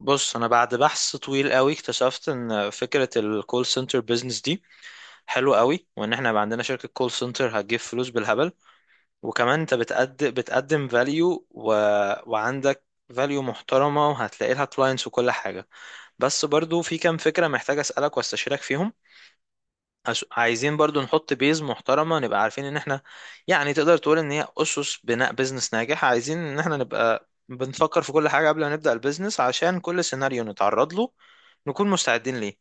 بص، انا بعد بحث طويل قوي اكتشفت ان فكره الكول سنتر بيزنس دي حلوه قوي، وان احنا يبقى عندنا شركه كول سنتر هتجيب فلوس بالهبل. وكمان انت بتقدم فاليو وعندك فاليو محترمه، وهتلاقي لها كلاينتس وكل حاجه. بس برضو في كام فكره محتاج اسالك واستشيرك فيهم. عايزين برضو نحط بيز محترمة، نبقى عارفين ان احنا يعني تقدر تقول ان هي اسس بناء بيزنس ناجح. عايزين ان احنا نبقى بنفكر في كل حاجة قبل ما نبدأ البيزنس، عشان كل سيناريو نتعرض له نكون مستعدين ليه.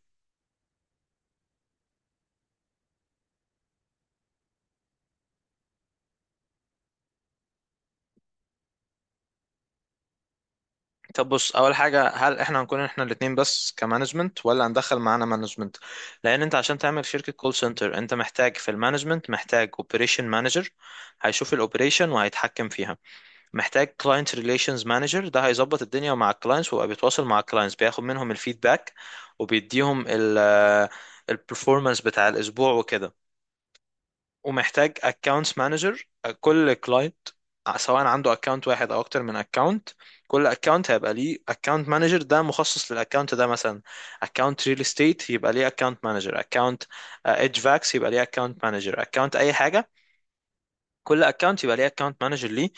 طب بص، اول حاجة، هل احنا هنكون احنا الاتنين بس كمانجمنت، ولا هندخل معانا مانجمنت؟ لان انت عشان تعمل شركة كول سنتر انت محتاج في المانجمنت محتاج اوبريشن مانجر هيشوف الاوبريشن وهيتحكم فيها. محتاج كلاينت ريليشنز مانجر، ده هيظبط الدنيا مع الكلاينتس ويبقى بيتواصل مع الكلاينتس، بياخد منهم الفيدباك وبيديهم البرفورمانس بتاع الاسبوع وكده. ومحتاج اكونتس مانجر. كل كلاينت سواء عنده اكونت واحد او اكتر من اكونت، كل اكونت هيبقى ليه اكونت مانجر ده مخصص للاكونت ده. مثلا اكونت ريل استيت يبقى ليه اكونت مانجر، اكونت اتش فاكس يبقى ليه اكونت مانجر، اكونت اي حاجه. كل اكونت يبقى ليه اكونت مانجر ليه.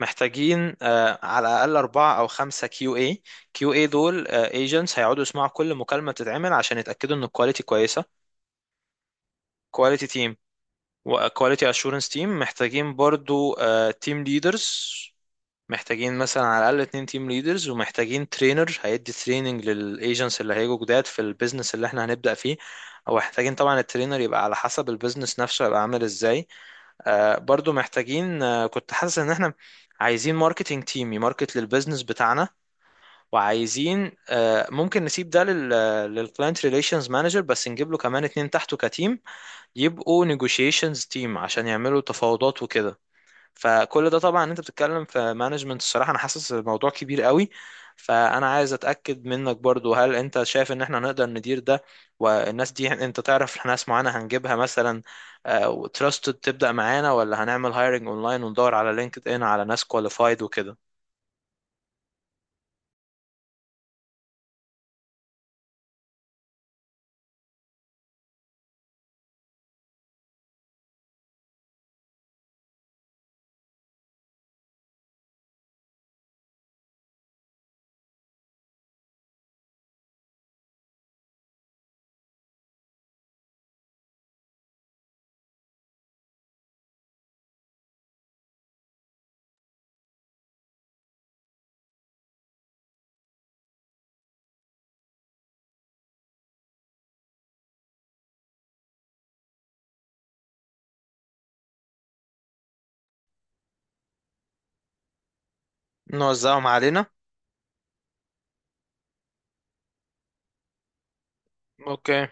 محتاجين على الاقل اربعه او خمسه كيو اي. كيو اي دول ايجنتس هيقعدوا يسمعوا كل مكالمه تتعمل عشان يتاكدوا ان الكواليتي كويسه. كواليتي تيم وكواليتي اشورنس تيم. محتاجين برضو تيم ليدرز، محتاجين مثلا على الاقل اتنين تيم ليدرز. ومحتاجين ترينر هيدي تريننج للايجنتس اللي هيجوا جداد في البيزنس اللي احنا هنبدا فيه. ومحتاجين طبعا الترينر يبقى على حسب البيزنس نفسه هيبقى عامل ازاي. برضو محتاجين كنت حاسس ان احنا عايزين ماركتينج تيم يماركت للبيزنس بتاعنا. وعايزين ممكن نسيب ده للكلاينت ريليشنز مانجر، بس نجيب له كمان اتنين تحته كتيم يبقوا نيجوشيشنز تيم عشان يعملوا تفاوضات وكده. فكل ده طبعا انت بتتكلم في مانجمنت، الصراحه انا حاسس الموضوع كبير قوي. فانا عايز اتاكد منك برضو، هل انت شايف ان احنا نقدر ندير ده؟ والناس دي انت تعرف ناس معانا هنجيبها مثلا وتراستد تبدا معانا، ولا هنعمل هايرنج اونلاين وندور على لينكد ان على ناس كواليفايد وكده نوزعهم علينا؟ اوكي،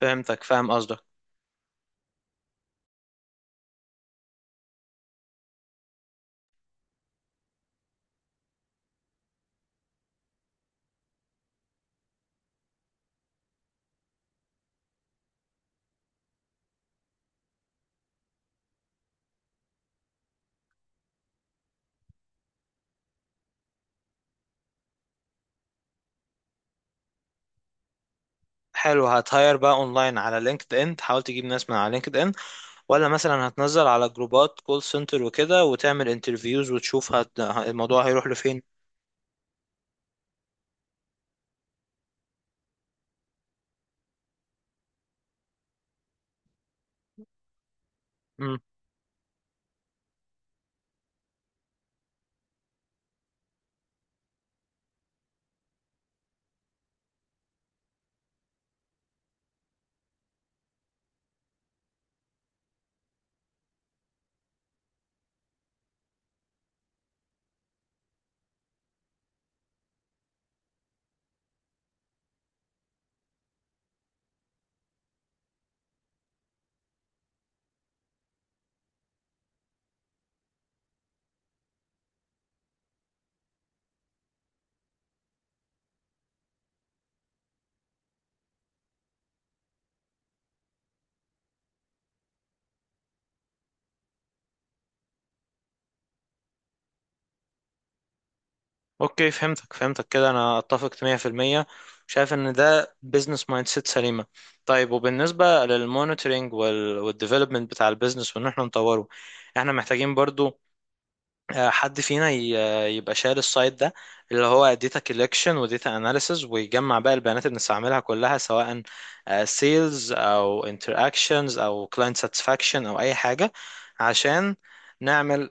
فهمتك، فاهم قصدك. حلو، هتهاير بقى اونلاين على لينكد ان تحاول تجيب ناس من على لينكد ان، ولا مثلا هتنزل على جروبات كول سنتر وكده وتعمل انترفيوز وتشوف الموضوع هيروح لفين؟ امم. اوكي، فهمتك فهمتك كده، انا اتفق 100%. شايف ان ده بزنس مايند سيت سليمة. طيب، وبالنسبة للمونيتورنج والديفلوبمنت بتاع البيزنس وان احنا نطوره، احنا محتاجين برضو حد فينا يبقى شايل السايد ده، اللي هو داتا كولكشن وداتا اناليسز، ويجمع بقى البيانات اللي بنستعملها كلها، سواء سيلز او انتراكشنز او كلاينت ساتسفاكشن او اي حاجه. عشان نعمل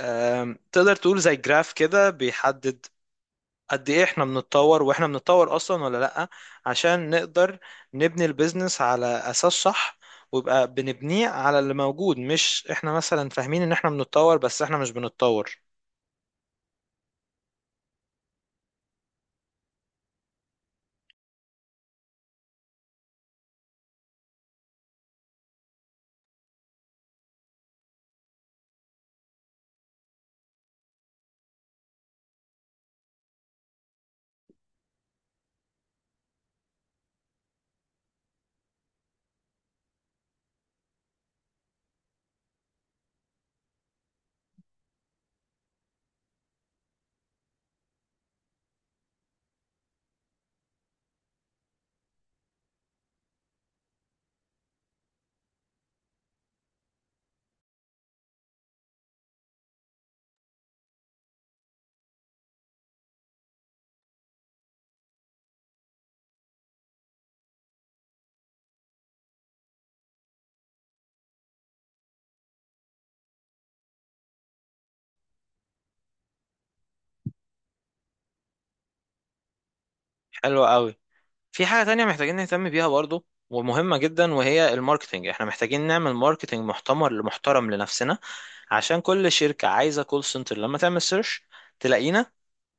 تقدر تقول زي جراف كده بيحدد قد ايه احنا بنتطور، واحنا بنتطور اصلا ولا لا، عشان نقدر نبني البيزنس على اساس صح. ويبقى بنبنيه على اللي موجود، مش احنا مثلا فاهمين ان احنا بنتطور بس احنا مش بنتطور. حلو قوي. في حاجة تانية محتاجين نهتم بيها برضو، ومهمة جدا، وهي الماركتينج. احنا محتاجين نعمل ماركتينج محتمر محترم لنفسنا، عشان كل شركة عايزة كول سنتر لما تعمل سيرش تلاقينا،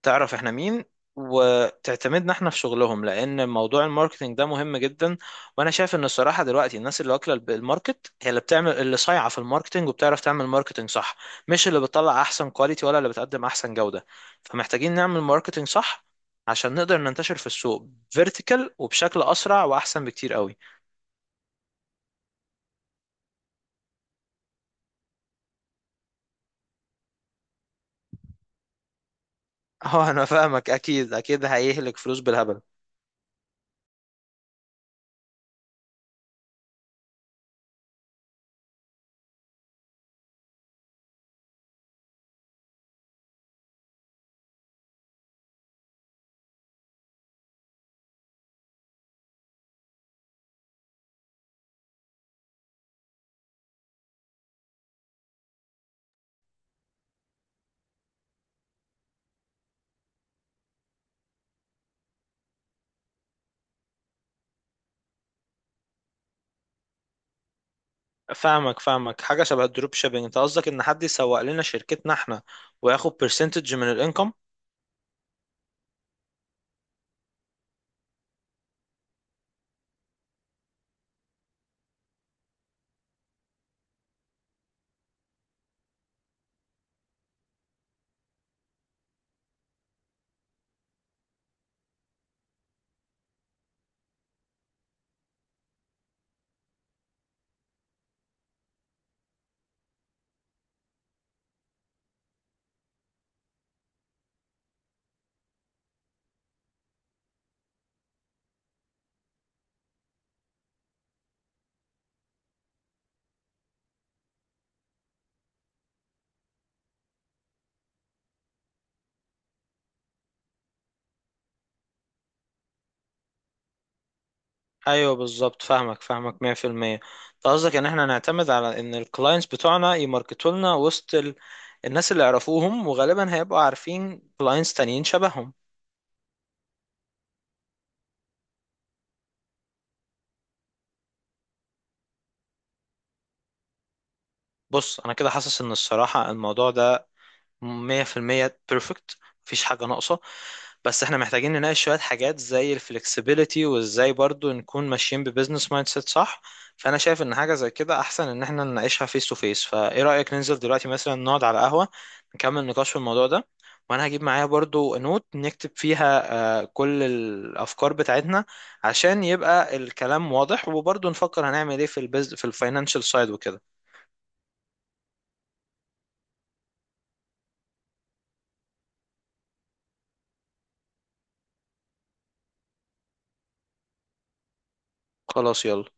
تعرف احنا مين، وتعتمدنا احنا في شغلهم. لان موضوع الماركتينج ده مهم جدا. وانا شايف ان الصراحه دلوقتي الناس اللي واكله الماركت هي اللي بتعمل، اللي صايعه في الماركتينج وبتعرف تعمل ماركتينج صح، مش اللي بتطلع احسن كواليتي ولا اللي بتقدم احسن جوده. فمحتاجين نعمل ماركتينج صح عشان نقدر ننتشر في السوق فيرتيكال، وبشكل اسرع واحسن بكتير قوي. اه انا فاهمك، اكيد اكيد هيهلك فلوس بالهبل. فاهمك فاهمك، حاجه شبه الدروب شيبينج. انت قصدك ان حد يسوق لنا شركتنا احنا وياخد برسنتج من الانكم؟ ايوه بالظبط، فاهمك فاهمك 100%. انت قصدك ان احنا نعتمد على ان الكلاينتس بتوعنا يماركتوا لنا وسط الناس اللي يعرفوهم، وغالبا هيبقوا عارفين كلاينتس تانيين شبههم. بص انا كده حاسس ان الصراحة الموضوع ده مية في المية بيرفكت، مفيش حاجة ناقصة. بس احنا محتاجين نناقش شوية حاجات زي الفلكسبيليتي وازاي برضو نكون ماشيين ببزنس مايند سيت صح. فانا شايف ان حاجة زي كده احسن ان احنا نناقشها فيس تو فيس. فايه رأيك ننزل دلوقتي مثلا نقعد على قهوة نكمل نقاش في الموضوع ده؟ وانا هجيب معايا برضو نوت نكتب فيها كل الافكار بتاعتنا، عشان يبقى الكلام واضح. وبرضو نفكر هنعمل ايه في البز في الفاينانشال سايد وكده. خلاص، يلا.